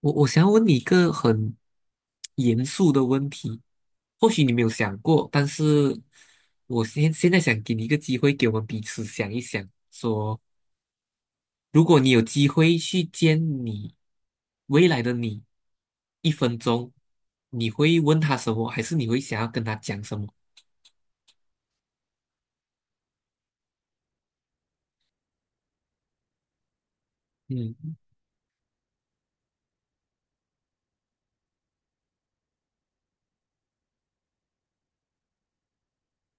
我想要问你一个很严肃的问题，或许你没有想过，但是我现在想给你一个机会，给我们彼此想一想，说如果你有机会去见你未来的你，一分钟，你会问他什么，还是你会想要跟他讲什么？嗯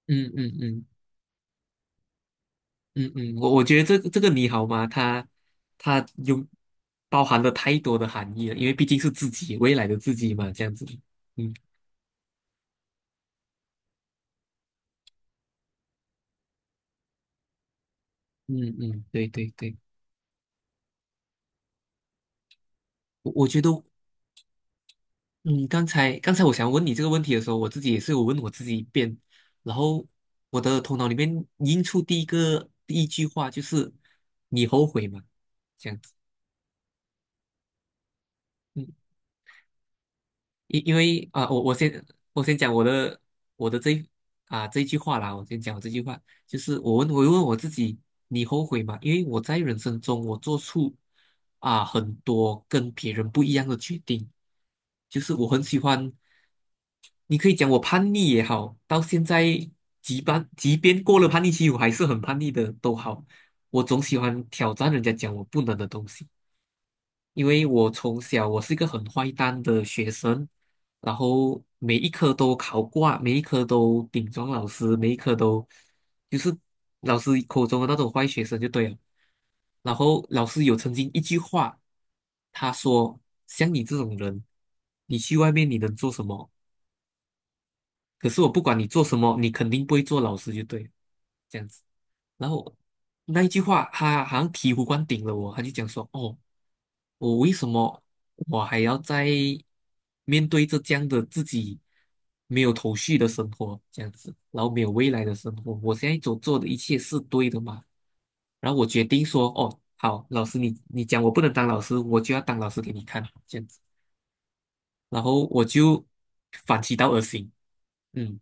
嗯嗯嗯嗯嗯，我觉得这个你好吗？它有包含了太多的含义了，因为毕竟是自己未来的自己嘛，这样子。嗯。嗯嗯，对对对，我觉得，嗯，刚才我想问你这个问题的时候，我自己也是有问我自己一遍，然后我的头脑里面映出第一个第一句话就是"你后悔吗？"这样子。嗯，因为啊、我先讲我的这一句话啦，我先讲我这句话，就是我问我自己，你后悔吗？因为我在人生中我做出很多跟别人不一样的决定。就是我很喜欢你可以讲我叛逆也好，到现在即便过了叛逆期，我还是很叛逆的都好，我总喜欢挑战人家讲我不能的东西，因为我从小我是一个很坏蛋的学生，然后每一科都考挂，每一科都顶撞老师，每一科都就是老师口中的那种坏学生就对了。然后老师有曾经一句话，他说："像你这种人，你去外面你能做什么？"可是我不管你做什么，你肯定不会做老师就对了，这样子。然后那一句话，他好像醍醐灌顶了我，他就讲说："哦，我为什么我还要在面对着这样的自己没有头绪的生活，这样子，然后没有未来的生活？我现在所做的一切是对的吗？"然后我决定说："哦，好，老师你讲我不能当老师，我就要当老师给你看，这样子。"然后我就反其道而行，嗯，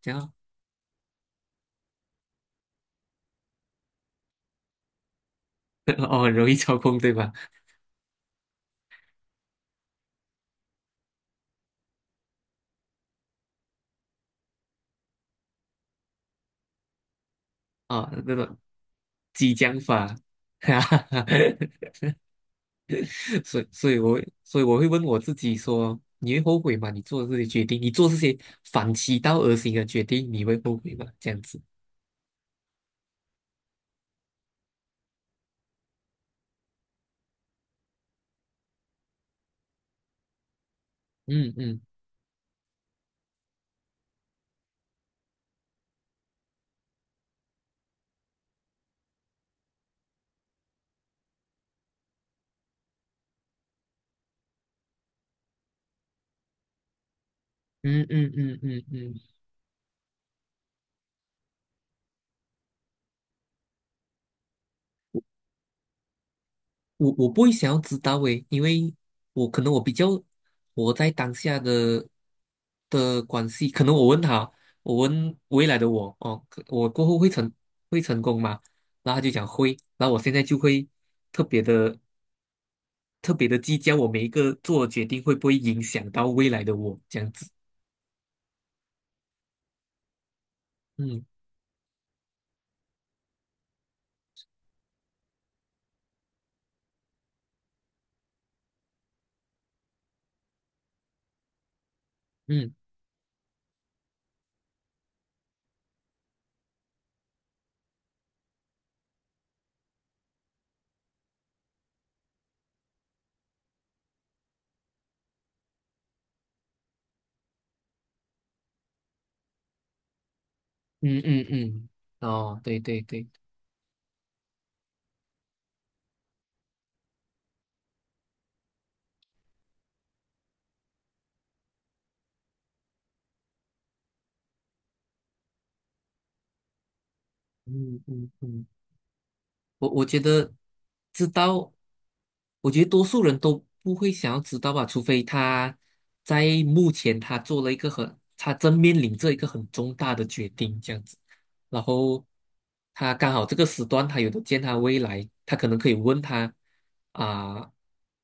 这样 哦，很容易操控，对吧？那种激将法，哈哈哈，所以我会问我自己说，你会后悔吗？你做的这些决定，你做这些反其道而行的决定，你会后悔吗？这样子。嗯嗯嗯嗯嗯嗯嗯，嗯，我不会想要知道诶，因为我可能我比较活在当下的关系，可能我问他，我问未来的我，哦，可我过后会成功吗？然后他就讲会，然后我现在就会特别的特别的计较，我每一个做的决定会不会影响到未来的我，这样子。嗯嗯嗯嗯嗯，哦，对对对，嗯嗯嗯。我觉得知道，我觉得多数人都不会想要知道吧，除非他在目前他做了一个很，他正面临着一个很重大的决定，这样子。然后他刚好这个时段他有的见他未来，他可能可以问他啊、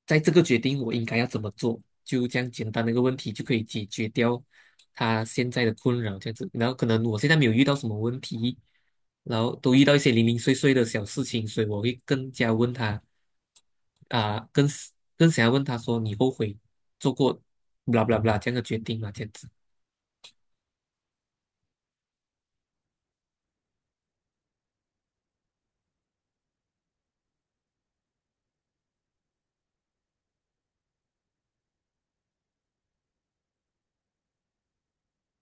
在这个决定我应该要怎么做，就这样简单的一个问题就可以解决掉他现在的困扰，这样子。然后可能我现在没有遇到什么问题，然后都遇到一些零零碎碎的小事情，所以我会更加问他啊、更更想要问他说你后悔做过 blah b l 这样的决定吗？这样子。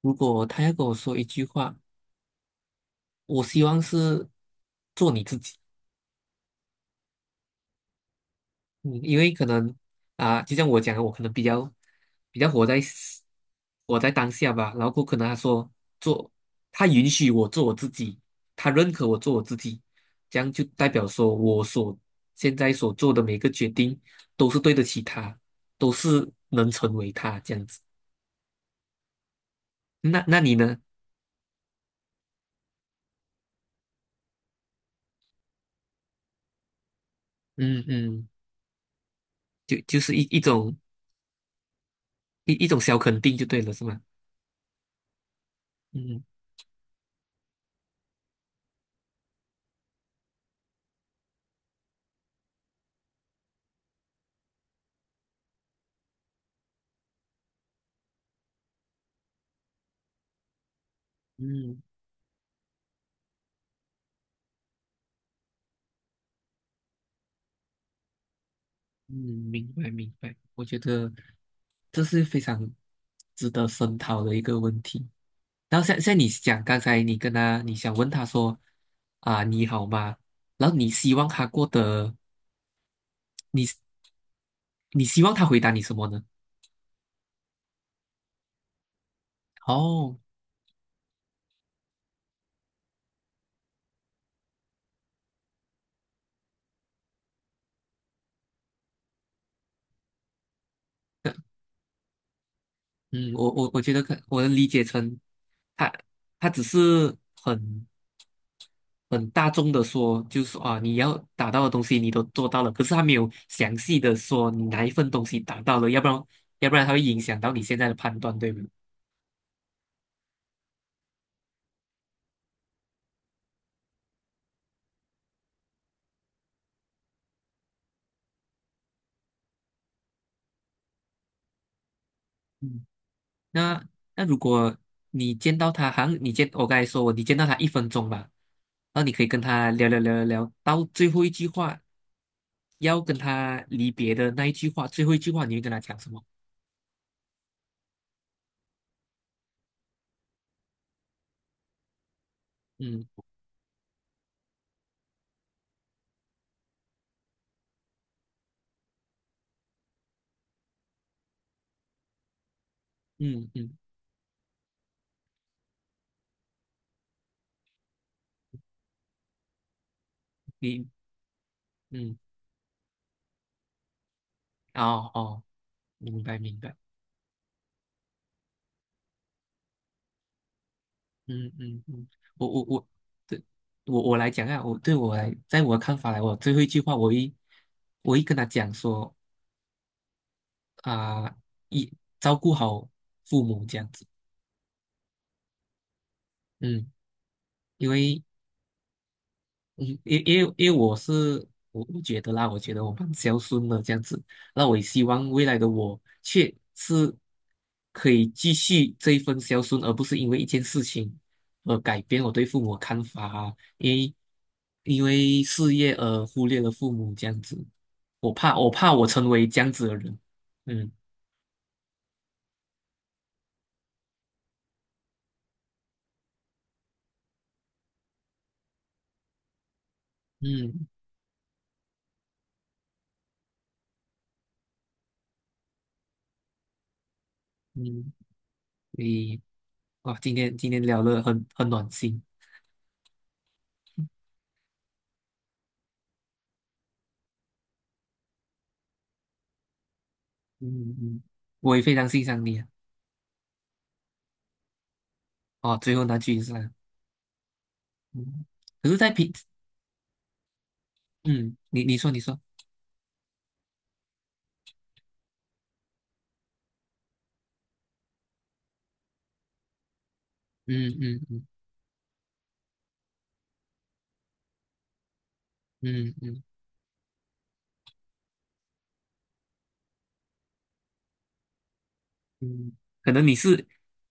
如果他要跟我说一句话。我希望是做你自己，嗯，因为可能就像我讲的，我可能比较活在 当下吧，然后过可能他说做，他允许我做我自己，他认可我做我自己，这样就代表说现在所做的每个决定都是对得起他，都是能成为他，这样子。那那你呢？嗯嗯，就是一种小肯定就对了，是吗？嗯嗯。嗯，明白明白，我觉得这是非常值得深讨的一个问题。然后像你讲，刚才你跟他，你想问他说啊，你好吗？然后你希望他过得，你你希望他回答你什么呢？哦，嗯，我觉得可我能理解成他他只是很很大众的说，就是说啊，你要达到的东西你都做到了，可是他没有详细的说你哪一份东西达到了，要不然他会影响到你现在的判断，对吗？嗯，那那如果你见到他，好像你见我刚才说我你见到他一分钟吧，然后你可以跟他聊聊聊聊聊，到最后一句话要跟他离别的那一句话，最后一句话你会跟他讲什么？嗯嗯嗯，你嗯嗯哦哦，明白明白。嗯嗯嗯，我，对，我来讲啊，我对我来，在我的看法来，我最后一句话，我一跟他讲说啊，一照顾好父母，这样子。嗯，因为嗯，因为我是不觉得啦，我觉得我蛮孝顺的，这样子。那我也希望未来的我却是可以继续这一份孝顺，而不是因为一件事情而改变我对父母的看法啊，因为事业而忽略了父母，这样子，我怕我成为这样子的人。嗯嗯嗯，所以哇，今天聊得很暖心，嗯嗯，我也非常欣赏你啊，哦，最后那句是。嗯，可是，在平，嗯，你说你说，嗯嗯嗯嗯嗯嗯，可能你是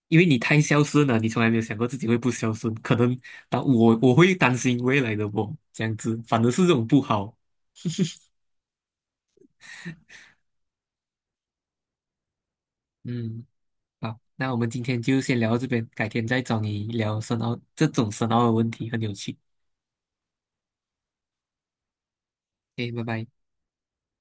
因为你太孝顺了，你从来没有想过自己会不孝顺，可能当我会担心未来的我这样子，反而是这种不好。嗯，好，那我们今天就先聊到这边，改天再找你聊深奥这种深奥的问题，很有趣。OK，拜拜。